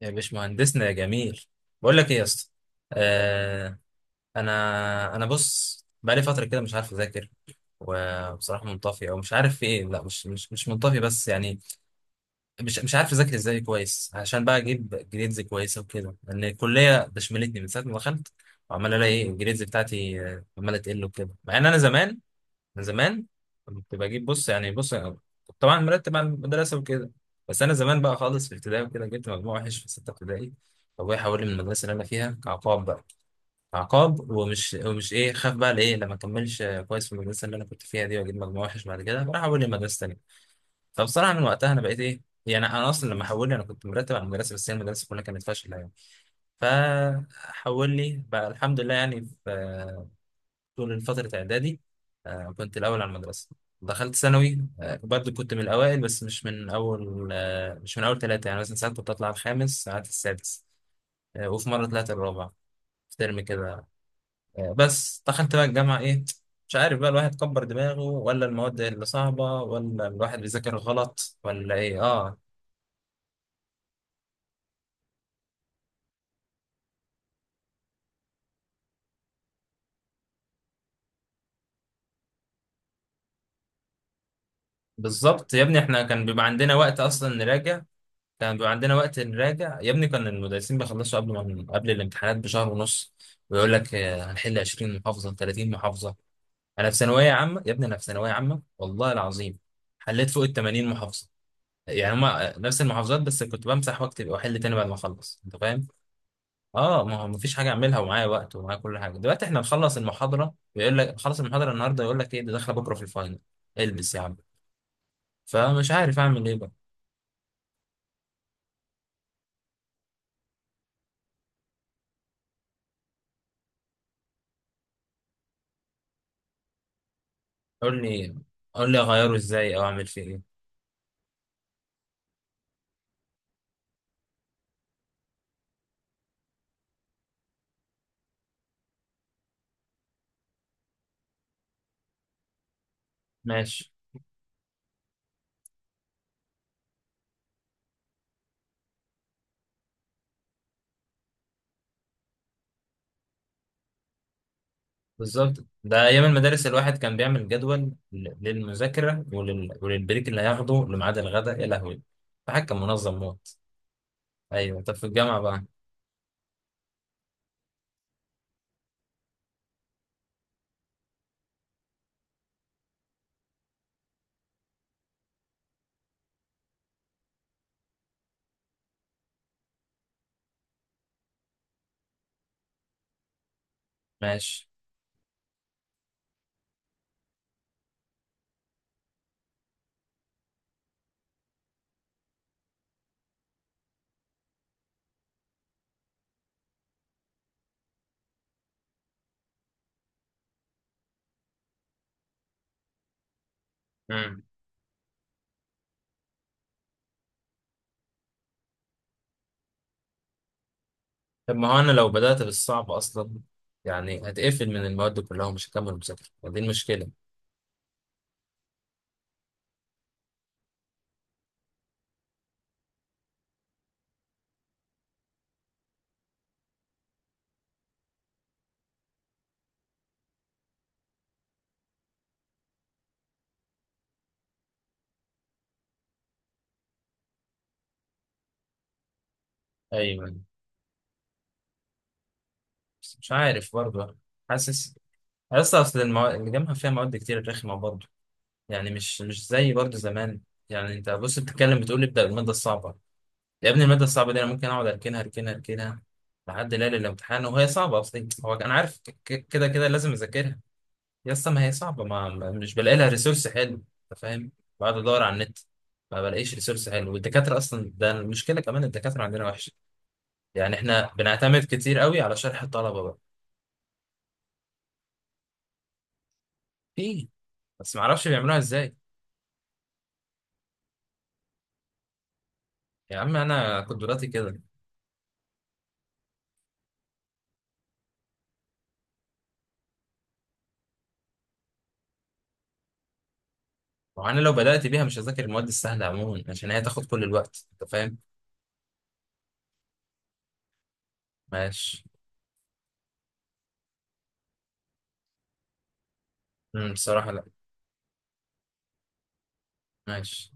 يا باشمهندسنا يا جميل. بقول لك ايه يا اسطى؟ آه. انا بص، بقالي فتره كده مش عارف اذاكر. وبصراحه منطفي او مش عارف في ايه. لا مش منطفي بس يعني مش عارف اذاكر ازاي كويس، عشان بقى اجيب جريدز كويسه وكده، لان الكليه ده شملتني من ساعه ما دخلت. وعمال الاقي ايه، الجريدز بتاعتي آه، عماله تقل وكده، مع ان انا زمان، انا زمان كنت بجيب، بص يعني، بص كنت طبعا مرتب على المدرسه وكده. بس انا زمان بقى خالص في ابتدائي وكده، جبت مجموع وحش في سته ابتدائي، فابويا حولني من المدرسه اللي انا فيها كعقاب بقى. عقاب ومش ايه، خاف بقى لايه لما اكملش كويس في المدرسه اللي انا كنت فيها دي واجيب مجموع وحش بعد كده، فراح حولني لمدرسه تانيه. فبصراحه من وقتها انا بقيت ايه يعني، انا اصلا لما حولني انا كنت مرتب على المدرسه، بس هي المدرسه كلها كانت فاشله يعني. فحولني بقى الحمد لله، يعني في طول فترة إعدادي آه، كنت الأول على المدرسة. دخلت ثانوي آه، برضه كنت من الأوائل، بس مش من أول آه، مش من أول ثلاثة يعني، مثلا ساعات كنت أطلع الخامس ساعات السادس. آه، وفي مرة طلعت الرابع في ترم كده. آه، بس دخلت بقى الجامعة، إيه، مش عارف بقى، الواحد كبر دماغه ولا المواد اللي صعبة ولا الواحد بيذاكر غلط ولا إيه؟ آه. بالظبط يا ابني، إحنا كان بيبقى عندنا وقت أصلا نراجع. كان بيبقى عندنا وقت نراجع يا ابني، كان المدرسين بيخلصوا قبل ما، قبل الامتحانات بشهر ونص، ويقول لك آه، هنحل 20 محافظة 30 محافظة. انا في ثانوية عامة يا ابني، انا في ثانوية عامة والله العظيم حليت فوق ال 80 محافظة. يعني هما آه، نفس المحافظات، بس كنت بمسح واكتب واحل تاني بعد ما اخلص، انت فاهم. اه، ما هو مفيش حاجة اعملها، ومعايا وقت ومعايا كل حاجة. دلوقتي احنا نخلص المحاضرة يقول لك خلص المحاضرة النهاردة يقول لك ايه، ده داخلة بكرة في الفاينل. البس يا عم. فمش عارف اعمل ايه بقى. قول لي، قول لي اغيره ازاي او اعمل فيه ايه. ماشي. بالظبط، ده ايام المدارس الواحد كان بيعمل جدول للمذاكره وللبريك اللي هياخده لميعاد الغداء، يا لهوي. فحد كان منظم موت. ايوه، طب في الجامعه بقى؟ ماشي. امم. طب ما هو انا لو بدات بالصعب اصلا يعني هتقفل من المواد كلها ومش هكمل مذاكره، ودي المشكله. ايوه، بس مش عارف برضه. حاسس، اصل الجامعه فيها مواد كتير رخمه برضه، يعني مش زي برضه زمان. يعني انت بص بتتكلم بتقول ابدا بالماده الصعبه، يا ابني المادة الصعبة دي أنا ممكن أقعد أركنها أركنها أركنها لحد ليلة الامتحان، وهي صعبة أصلا. هو أنا عارف كده كده لازم أذاكرها. يا اسطى ما هي صعبة، مش بلاقي لها ريسورس حلو. أنت فاهم. بقعد أدور على النت ما بلاقيش ريسورس حلو، والدكاترة أصلا ده المشكلة كمان، الدكاترة عندنا وحشة. يعني إحنا بنعتمد كتير قوي على شرح الطلبة بقى. في، بس ما أعرفش بيعملوها إزاي. يا عم أنا قدراتي كده. وأنا لو بدأت بيها مش هذاكر المواد السهلة عموما عشان هي تاخد كل الوقت، أنت فاهم. ماشي. أمم، بصراحة لا. ماشي.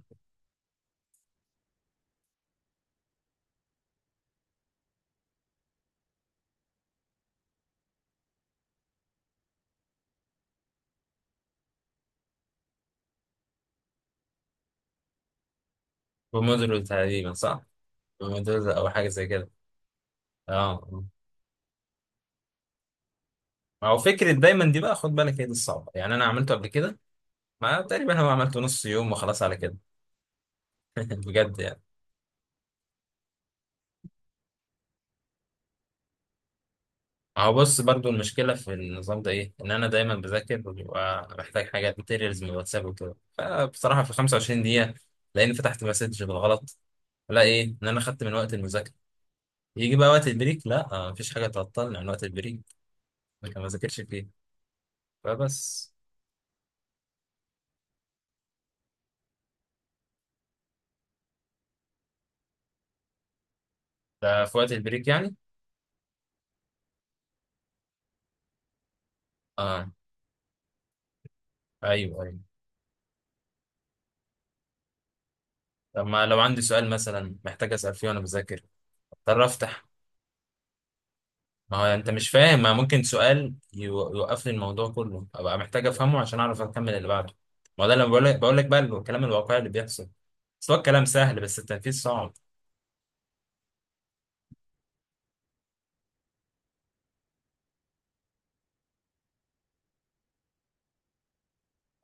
بمودرز تقريبا، صح؟ بمودرز او حاجه زي كده. اه. ما هو فكره دايما دي بقى، خد بالك هي دي الصعبه، يعني انا عملته قبل كده، ما تقريبا هو عملته نص يوم وخلاص على كده. بجد يعني. هو بص برضو، المشكله في النظام ده ايه، ان انا دايما بذاكر وبيبقى محتاج حاجات ماتيريالز من الواتساب وكده، فبصراحه في 25 دقيقه لاني فتحت مسج بالغلط. لا ايه، ان انا خدت من وقت المذاكره. يجي بقى وقت البريك، لا آه، مفيش حاجه تعطلني عن وقت البريك، لكن ما ذاكرش فيه. فبس. ده في وقت البريك يعني. آه. ايوه ايوه. طب ما لو عندي سؤال مثلا محتاج اسال فيه وانا بذاكر، اضطر افتح. ما هو انت مش فاهم، ما ممكن سؤال يوقف لي الموضوع كله، ابقى محتاج افهمه عشان اعرف اكمل اللي بعده. ما هو ده اللي بقول لك، بقول لك بقى الكلام الواقعي اللي بيحصل. بس هو الكلام سهل، بس التنفيذ صعب.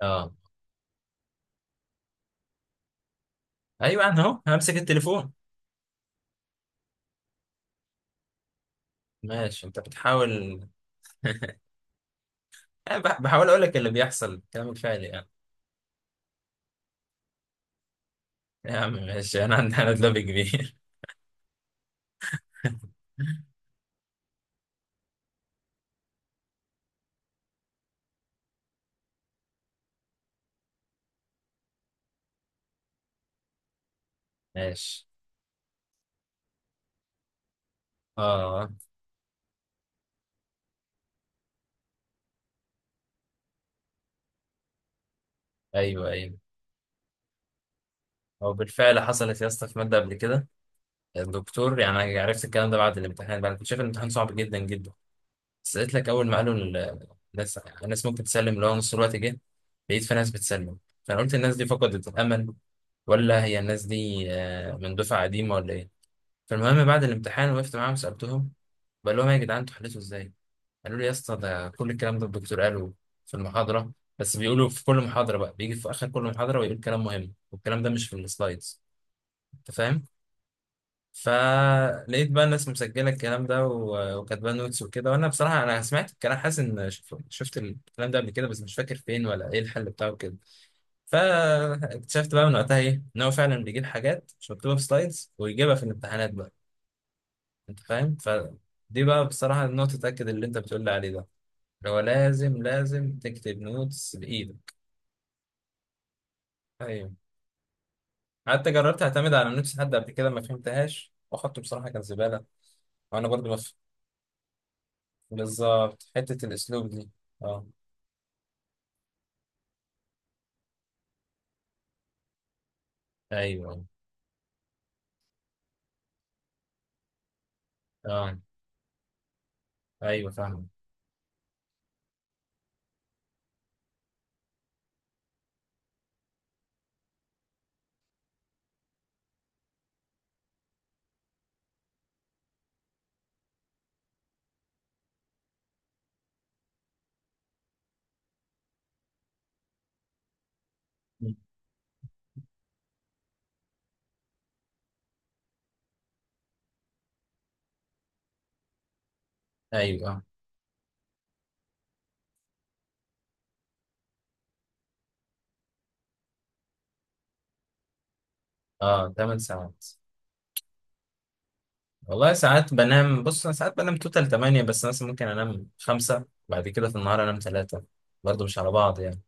اه. ايوه، انا اهو همسك التليفون. ماشي انت بتحاول. أنا بحاول اقول لك اللي بيحصل، الكلام الفعلي يعني. يا عم ماشي انا عندي، انا دلوقتي كبير. ماشي. اه. ايوه ايوه. هو بالفعل حصلت يا اسطى في ماده قبل كده، الدكتور، يعني عرفت الكلام ده بعد الامتحان بقى. انا كنت شايف الامتحان صعب جدا جدا، بس قلت لك اول ما قالوا الناس، الناس ممكن تسلم، اللي هو نص الوقت جه لقيت في ناس بتسلم، فانا قلت الناس دي فقدت الامل، ولا هي الناس دي آه، من دفعه قديمه ولا ايه. فالمهم بعد الامتحان وقفت معاهم سالتهم، بقول لهم يا جدعان انتوا حليتوا ازاي، قالوا لي يا اسطى ده كل الكلام ده الدكتور قاله في المحاضره، بس بيقولوا في كل محاضره بقى، بيجي في اخر كل محاضره ويقول كلام مهم والكلام ده مش في السلايدز، انت فاهم. فلقيت بقى الناس مسجله الكلام ده وكاتبه نوتس وكده، وانا بصراحه انا سمعت الكلام حاسس ان شفت الكلام ده قبل كده، بس مش فاكر فين ولا ايه الحل بتاعه كده. فاكتشفت بقى من وقتها ايه، ان هو فعلا بيجيب حاجات مش مكتوبه في سلايدز ويجيبها في الامتحانات بقى، انت فاهم. فدي بقى بصراحه النقطه تاكد اللي انت بتقول لي عليه ده، اللي هو لازم لازم تكتب نوتس بايدك. ايوه. حتى جربت اعتمد على نوتس حد قبل كده ما فهمتهاش، واخدته بصراحه كان زباله. وانا برضو. بالظبط، حتة الأسلوب دي. اه. أيوه. اه. أيوه فاهم. أيوه. اه 8 ساعات. والله ساعات بنام، بص أنا ساعات بنام توتال 8، بس مثلا ممكن أنام 5 بعد كده في النهار أنام 3، برضه مش على بعض يعني.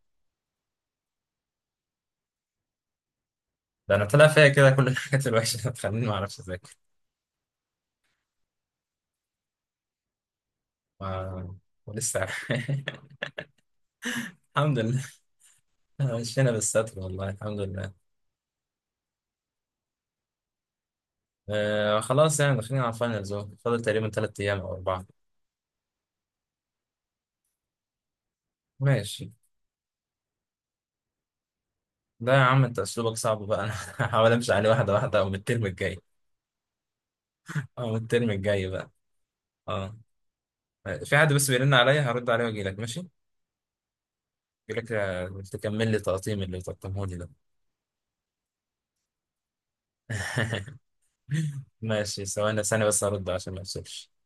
ده أنا طلع فيا كده كل الحاجات الوحشة اللي بتخليني ما أعرفش أذاكر. ما- ولسه. الحمد لله. مشينا بالستر والله الحمد لله. آه خلاص، يعني داخلين على الفاينلز أهو، فاضل تقريبا 3 أيام أو 4. ماشي. لا يا عم انت اسلوبك صعب بقى، انا هحاول امشي عليه واحده واحده، او من الترم الجاي، او من الترم الجاي بقى. اه. في حد بس بيرن عليا، هرد عليه واجي لك ماشي؟ اجي لك آه، تكمل لي تقطيم اللي تقطمه لي ده. ماشي، ثواني، ثانيه بس هرد عشان ما افصلش.